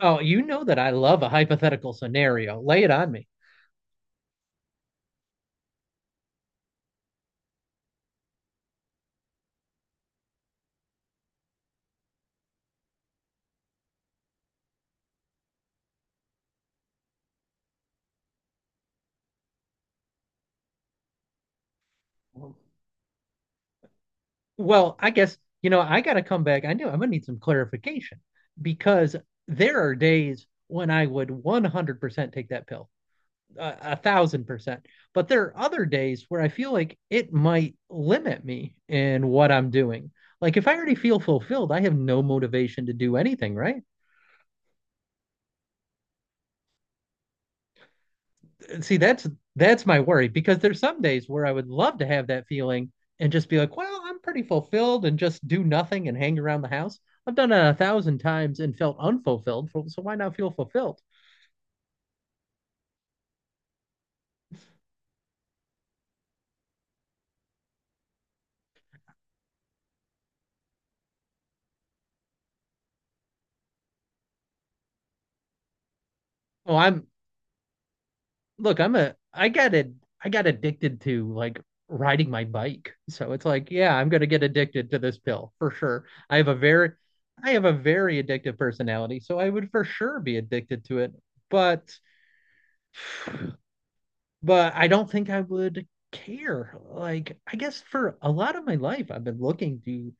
Oh, you know that I love a hypothetical scenario. Lay it on me. Well, I guess, I got to come back. I knew I'm going to need some clarification because there are days when I would 100% take that pill, 1000%. But there are other days where I feel like it might limit me in what I'm doing. Like if I already feel fulfilled, I have no motivation to do anything, right? See, that's my worry because there's some days where I would love to have that feeling and just be like, well, I'm pretty fulfilled and just do nothing and hang around the house. I've done it a thousand times and felt unfulfilled, so why not feel fulfilled? Oh, I'm look, I'm a I got it I got addicted to like riding my bike. So it's like, yeah, I'm gonna get addicted to this pill for sure. I have a very addictive personality, so I would for sure be addicted to it. But but I don't think I would care. Like, I guess for a lot of my life, I've been looking to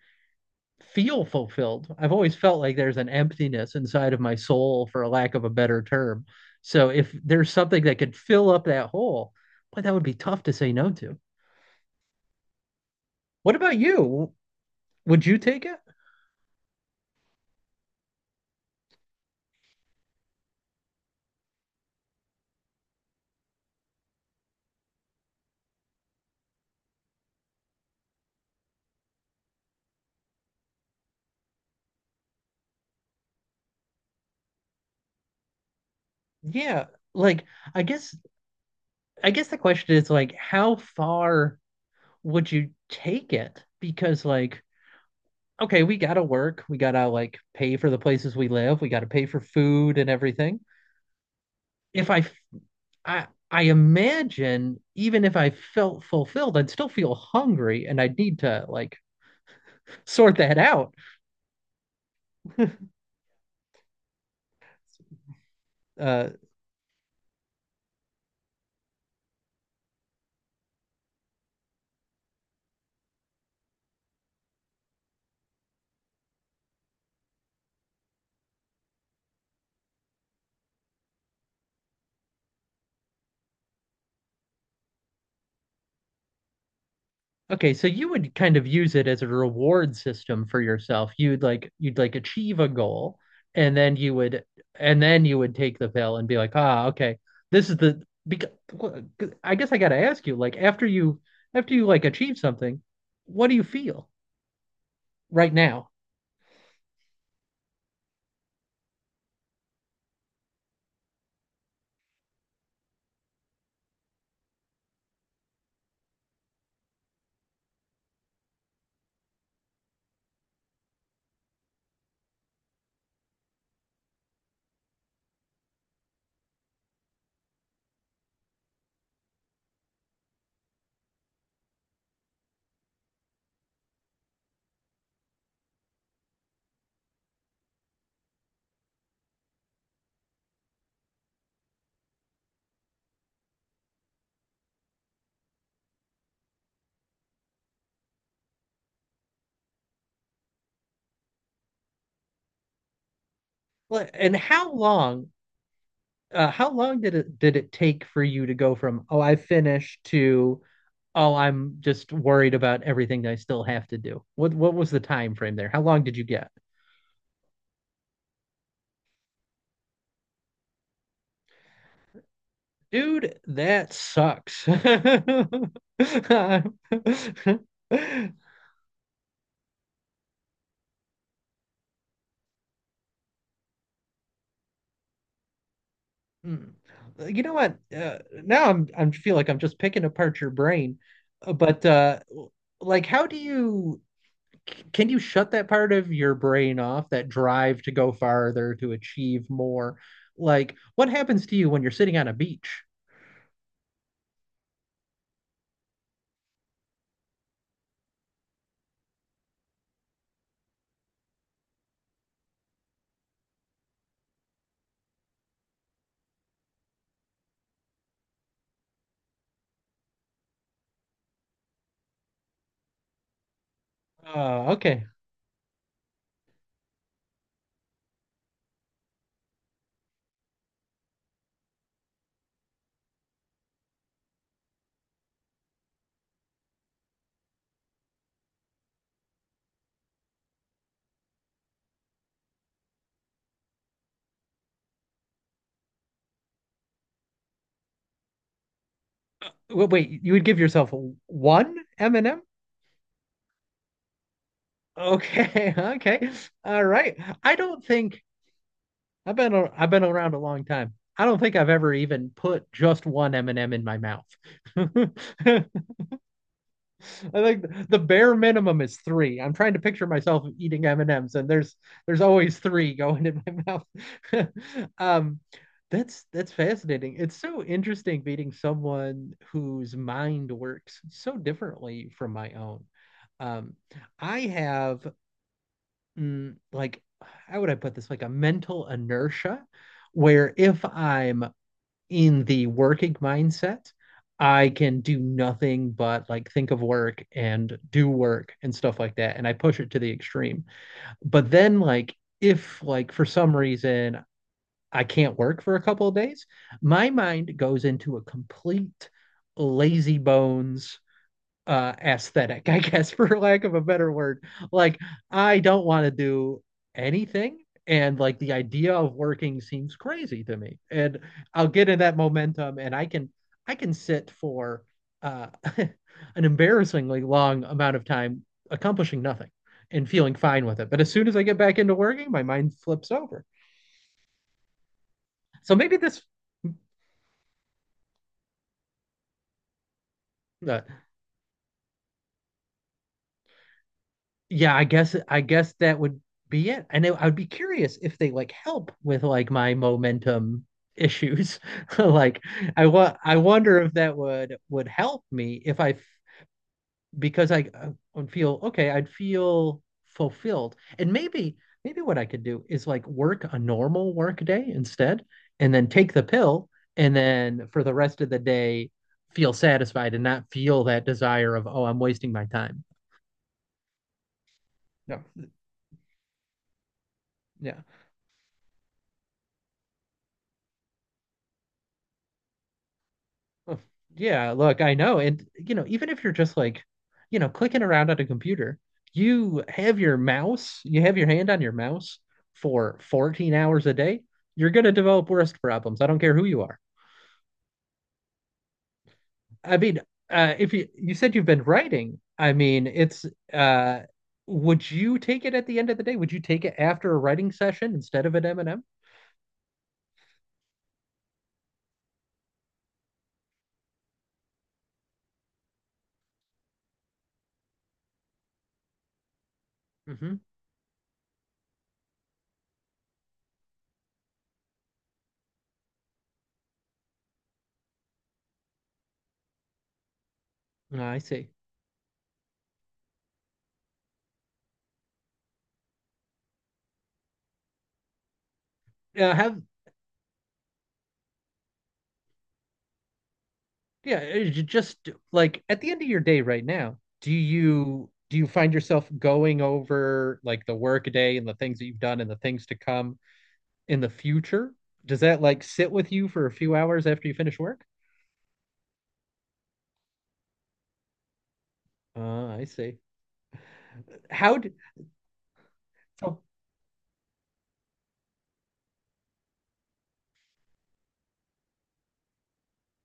feel fulfilled. I've always felt like there's an emptiness inside of my soul, for a lack of a better term. So if there's something that could fill up that hole, boy, that would be tough to say no to. What about you? Would you take it? Yeah. Like, I guess, I guess, the question is like, how far would you take it? Because like, okay, we gotta work. We gotta like pay for the places we live. We gotta pay for food and everything. If I imagine even if I felt fulfilled, I'd still feel hungry and I'd need to like sort that out. Uh, Okay, so you would kind of use it as a reward system for yourself. You'd like achieve a goal and then you would take the pill and be like, "Ah, okay. This is the because I guess I got to ask you like after you like achieve something, what do you feel right now? And how long did it take for you to go from, "Oh, I finished" to "Oh, I'm just worried about everything I still have to do"? What was the time frame there? How long did you get? Dude, that sucks. Hmm. You know what? Now I feel like I'm just picking apart your brain. But like, how do you? Can you shut that part of your brain off, that drive to go farther, to achieve more? Like, what happens to you when you're sitting on a beach? Oh, okay. Wait, wait, you would give yourself one M&M? Okay, okay. All right. I don't think I've been around a long time. I don't think I've ever even put just one M&M in my mouth. I think the bare minimum is three. I'm trying to picture myself eating M&Ms, and M's, and there's always three going in my mouth. Um, that's fascinating. It's so interesting meeting someone whose mind works so differently from my own. Um, I have like how would I put this? Like a mental inertia where if I'm in the working mindset, I can do nothing but like think of work and do work and stuff like that. And I push it to the extreme. But then like if like for some reason I can't work for a couple of days, my mind goes into a complete lazy bones aesthetic, I guess, for lack of a better word. Like, I don't want to do anything. And like the idea of working seems crazy to me. And I'll get in that momentum and I can sit for uh an embarrassingly long amount of time accomplishing nothing and feeling fine with it. But as soon as I get back into working, my mind flips over. So maybe this uh, yeah, I guess that would be it. And I would be curious if they like help with like my momentum issues. Like I wonder if that would help me if I f- because I would feel okay, I'd feel fulfilled. And maybe what I could do is like work a normal work day instead and then take the pill and then for the rest of the day feel satisfied and not feel that desire of oh, I'm wasting my time. Yeah. Yeah. Oh, yeah, look, I know. And, even if you're just like, clicking around on a computer, you have your mouse, you have your hand on your mouse for 14 hours a day, you're going to develop wrist problems. I don't care who you are. I mean, if you said you've been writing, I mean, it's uh would you take it at the end of the day? Would you take it after a writing session instead of an M&M? Mm-hmm. I see. Have Yeah, just like at the end of your day right now, do you find yourself going over like the work day and the things that you've done and the things to come in the future? Does that like sit with you for a few hours after you finish work? I see. How d So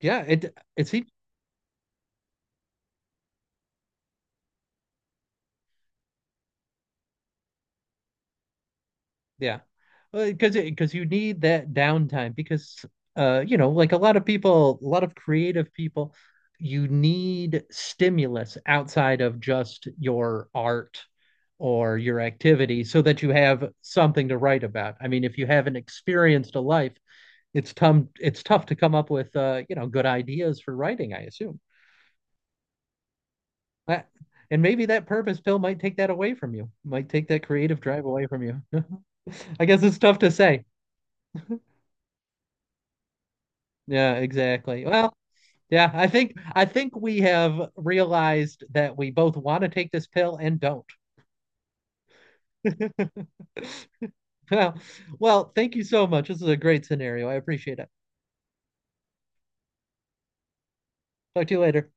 yeah, it seems. Yeah. Because you need that downtime because like a lot of creative people you need stimulus outside of just your art or your activity so that you have something to write about. I mean if you haven't experienced a life it's tough to come up with good ideas for writing I assume. That- and maybe that purpose pill might take that away from you. Might take that creative drive away from you. I guess it's tough to say. Yeah, exactly. Well, yeah, I think we have realized that we both want to take this pill and don't. Well, well, thank you so much. This is a great scenario. I appreciate it. Talk to you later.